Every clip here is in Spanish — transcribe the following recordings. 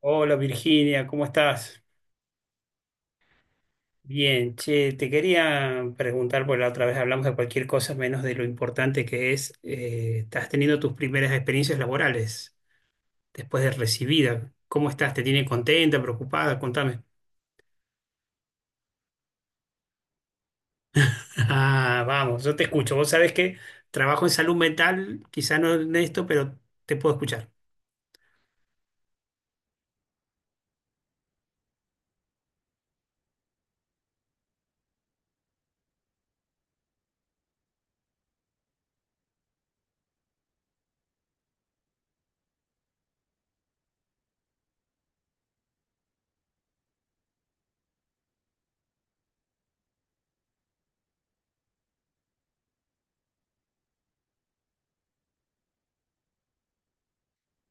Hola Virginia, ¿cómo estás? Bien, che, te quería preguntar, porque la otra vez hablamos de cualquier cosa menos de lo importante que es, estás teniendo tus primeras experiencias laborales después de recibida. ¿Cómo estás? ¿Te tiene contenta, preocupada? Contame. Ah, vamos, yo te escucho. Vos sabés que trabajo en salud mental, quizá no en esto, pero te puedo escuchar.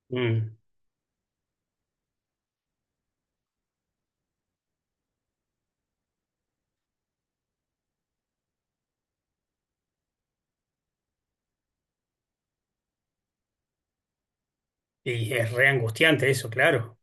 Mm, Y es re angustiante eso, claro.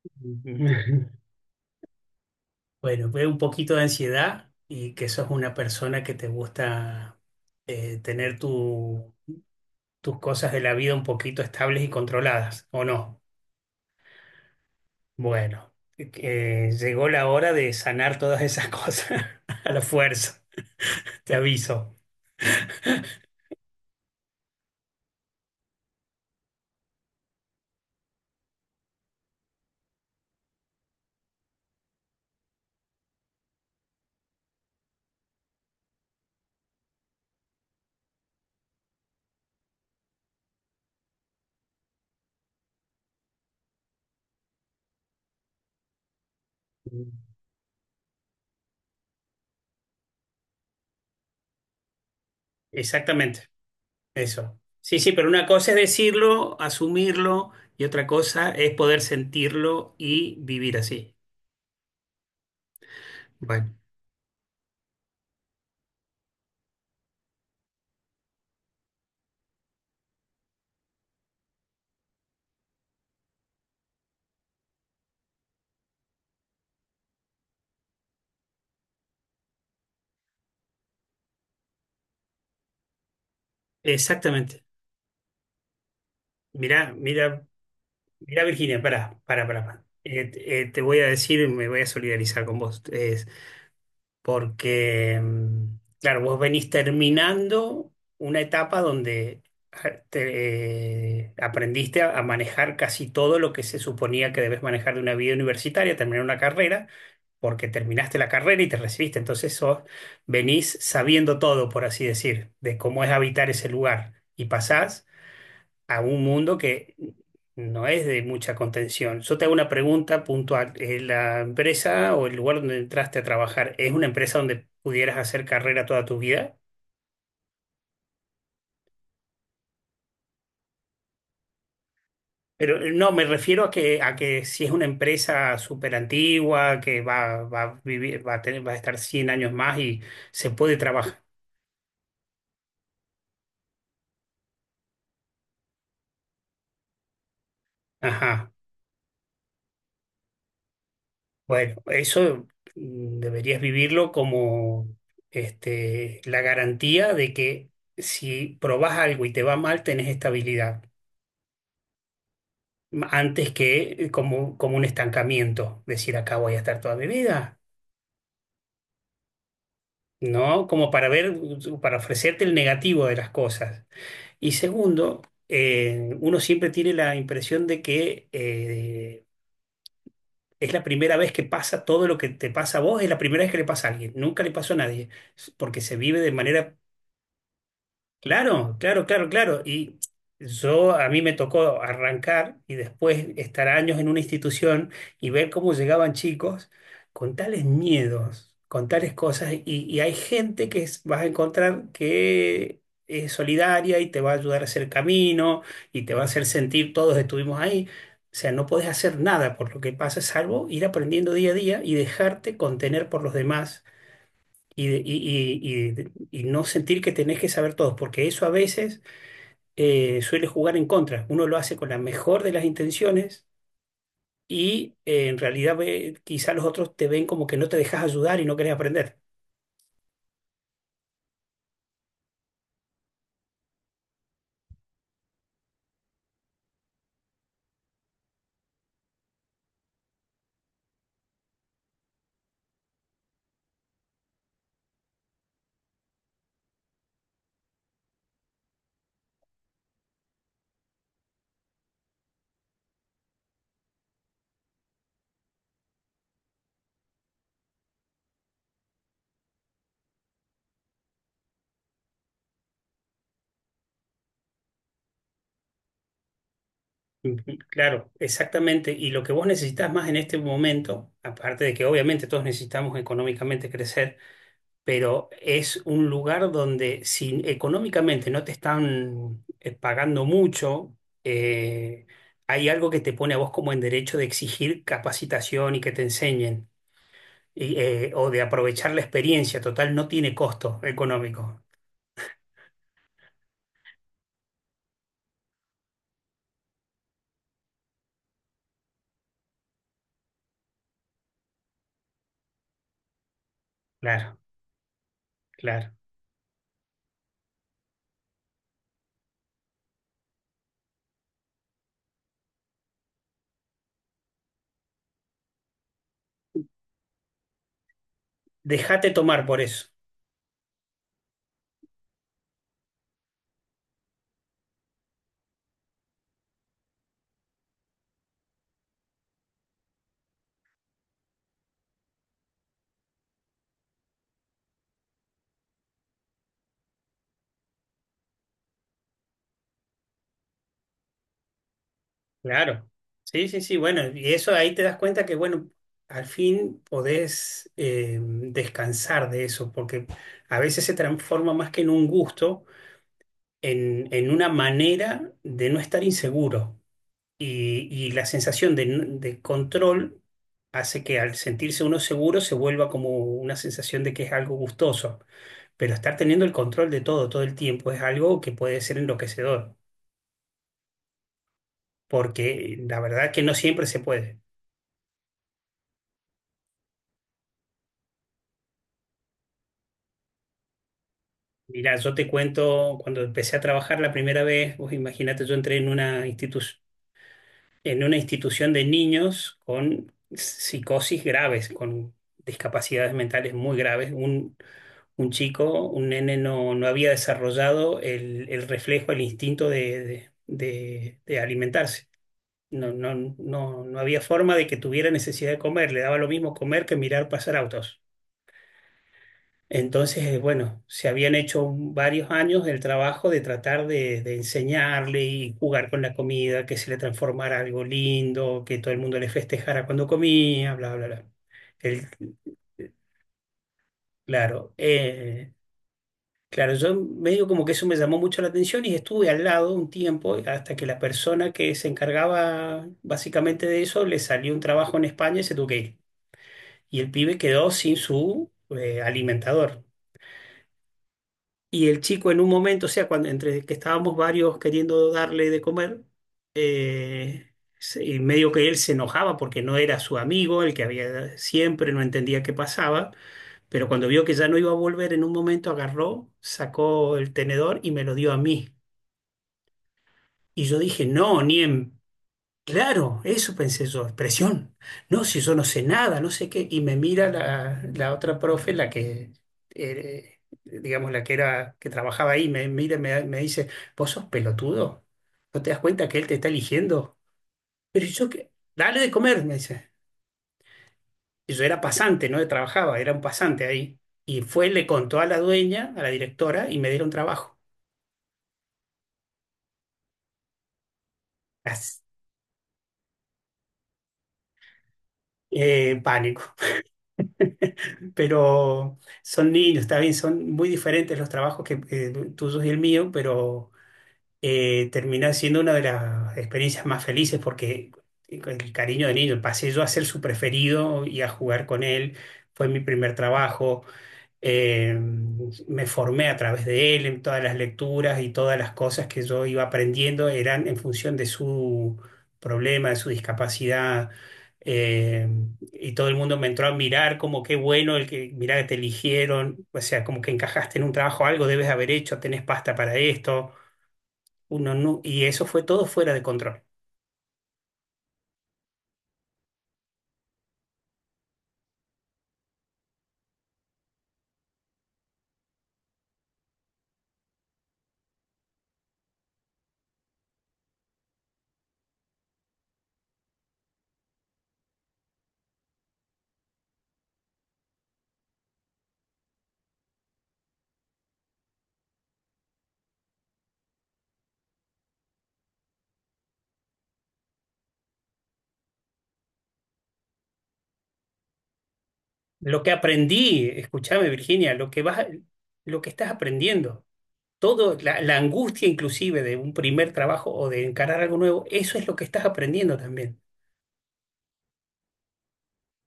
Bueno, veo un poquito de ansiedad y que sos una persona que te gusta tener tus cosas de la vida un poquito estables y controladas, ¿o no? Bueno, llegó la hora de sanar todas esas cosas a la fuerza, te aviso. Exactamente, eso. Sí, sí, pero una cosa es decirlo, asumirlo, y otra cosa es poder sentirlo y vivir así. Bueno, exactamente. Mira, mira. Mirá, Virginia, pará, pará, pará. Pará. Te voy a decir, me voy a solidarizar con vos, es porque, claro, vos venís terminando una etapa donde aprendiste a manejar casi todo lo que se suponía que debes manejar de una vida universitaria, terminar una carrera, porque terminaste la carrera y te recibiste. Entonces venís sabiendo todo, por así decir, de cómo es habitar ese lugar. Y pasás a un mundo que no es de mucha contención. Yo te hago una pregunta puntual. ¿La empresa o el lugar donde entraste a trabajar es una empresa donde pudieras hacer carrera toda tu vida? Pero no, me refiero a que si es una empresa súper antigua, que va a vivir, va a tener, va a estar 100 años más y se puede trabajar. Ajá. Bueno, eso deberías vivirlo como la garantía de que si probás algo y te va mal, tenés estabilidad. Antes que como un estancamiento, decir acá voy a estar toda mi vida, ¿no? Como para ver, para ofrecerte el negativo de las cosas. Y segundo, uno siempre tiene la impresión de que es la primera vez que pasa todo lo que te pasa a vos, es la primera vez que le pasa a alguien, nunca le pasó a nadie, porque se vive de manera... Claro, claro, claro, claro. Y yo a mí me tocó arrancar y después estar años en una institución y ver cómo llegaban chicos con tales miedos, con tales cosas. Y hay gente que vas a encontrar que es solidaria y te va a ayudar a hacer camino y te va a hacer sentir todos estuvimos ahí. O sea, no podés hacer nada por lo que pasa, salvo ir aprendiendo día a día y dejarte contener por los demás y, de- y- y- y no sentir que tenés que saber todo, porque eso a veces suele jugar en contra. Uno lo hace con la mejor de las intenciones y en realidad quizá los otros te ven como que no te dejas ayudar y no querés aprender. Ujú, claro, exactamente. Y lo que vos necesitas más en este momento, aparte de que obviamente todos necesitamos económicamente crecer, pero es un lugar donde si económicamente no te están pagando mucho, eh, hay algo que te pone a vos como en derecho de exigir capacitación y que te enseñen, y, o de aprovechar la experiencia. Total, no tiene costo económico. Claro, claro. Déjate tomar por eso. Claro. Sí, sí, sí. Bueno, y eso ahí te das cuenta que, bueno, al fin podés descansar de eso, porque a veces se transforma más que en un gusto en una manera de no estar inseguro. Y la sensación de control hace que al sentirse uno seguro se vuelva como una sensación de que es algo gustoso. Pero estar teniendo el control de todo todo el tiempo es algo que puede ser enloquecedor, porque la verdad que no siempre se puede. Mira, yo te cuento, cuando empecé a trabajar la primera vez, vos imagínate, yo entré en una institución de niños con psicosis graves, con discapacidades mentales muy graves. Un chico, un nene no, no había desarrollado el reflejo, el instinto de alimentarse. No, no, no, no había forma de que tuviera necesidad de comer. Le daba lo mismo comer que mirar pasar autos. Entonces, bueno, se habían hecho varios años el trabajo de tratar de enseñarle y jugar con la comida, que se le transformara algo lindo, que todo el mundo le festejara cuando comía, bla, bla, bla. El- claro, claro, yo medio como que eso me llamó mucho la atención y estuve al lado un tiempo hasta que la persona que se encargaba básicamente de eso le salió un trabajo en España y se tuvo que ir. Y el pibe quedó sin su alimentador. Y el chico en un momento, o sea, cuando entre que estábamos varios queriendo darle de comer, eh, y medio que él se enojaba porque no era su amigo, el que había siempre, no entendía qué pasaba, pero cuando vio que ya no iba a volver, en un momento agarró, sacó el tenedor y me lo dio a mí. Y yo dije, no, ni en... Claro, eso pensé yo, expresión. No, si yo no sé nada, no sé qué. Y me mira la otra profe, la que, digamos, la que era, que trabajaba ahí, me mira y me dice, ¿vos sos pelotudo? ¿No te das cuenta que él te está eligiendo? Pero yo que, dale de comer, me dice. Y yo era pasante, no trabajaba, era un pasante ahí. Y fue, le contó a la dueña, a la directora, y me dieron trabajo. As- Pánico. Pero son niños, está bien, son muy diferentes los trabajos que tuyos y el mío, pero termina siendo una de las experiencias más felices porque el cariño de niño, pasé yo a ser su preferido y a jugar con él, fue mi primer trabajo, eh, me formé a través de él en todas las lecturas y todas las cosas que yo iba aprendiendo eran en función de su problema, de su discapacidad. Eh, y todo el mundo me entró a mirar como qué bueno el que, mirá que te eligieron, o sea, como que encajaste en un trabajo, algo debes haber hecho, tenés pasta para esto. Uno no, y eso fue todo fuera de control. Lo que aprendí, escúchame Virginia, lo que vas, lo que estás aprendiendo. Todo, la angustia inclusive de un primer trabajo o de encarar algo nuevo, eso es lo que estás aprendiendo también.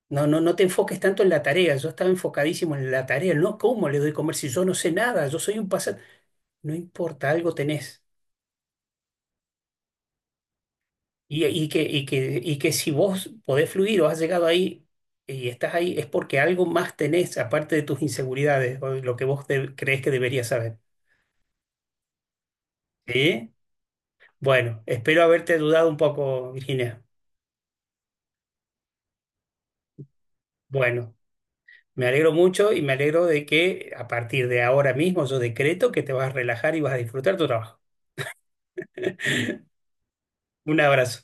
No, no, no te enfoques tanto en la tarea. Yo estaba enfocadísimo en la tarea. No, ¿cómo le doy comer si yo no sé nada? Yo soy un pasante. No importa, algo tenés. Y que si vos podés fluir o has llegado ahí y estás ahí, es porque algo más tenés, aparte de tus inseguridades o de lo que vos crees que deberías saber. ¿Sí? Bueno, espero haberte ayudado un poco, Virginia. Bueno. Me alegro mucho y me alegro de que a partir de ahora mismo yo decreto que te vas a relajar y vas a disfrutar tu trabajo. Un abrazo.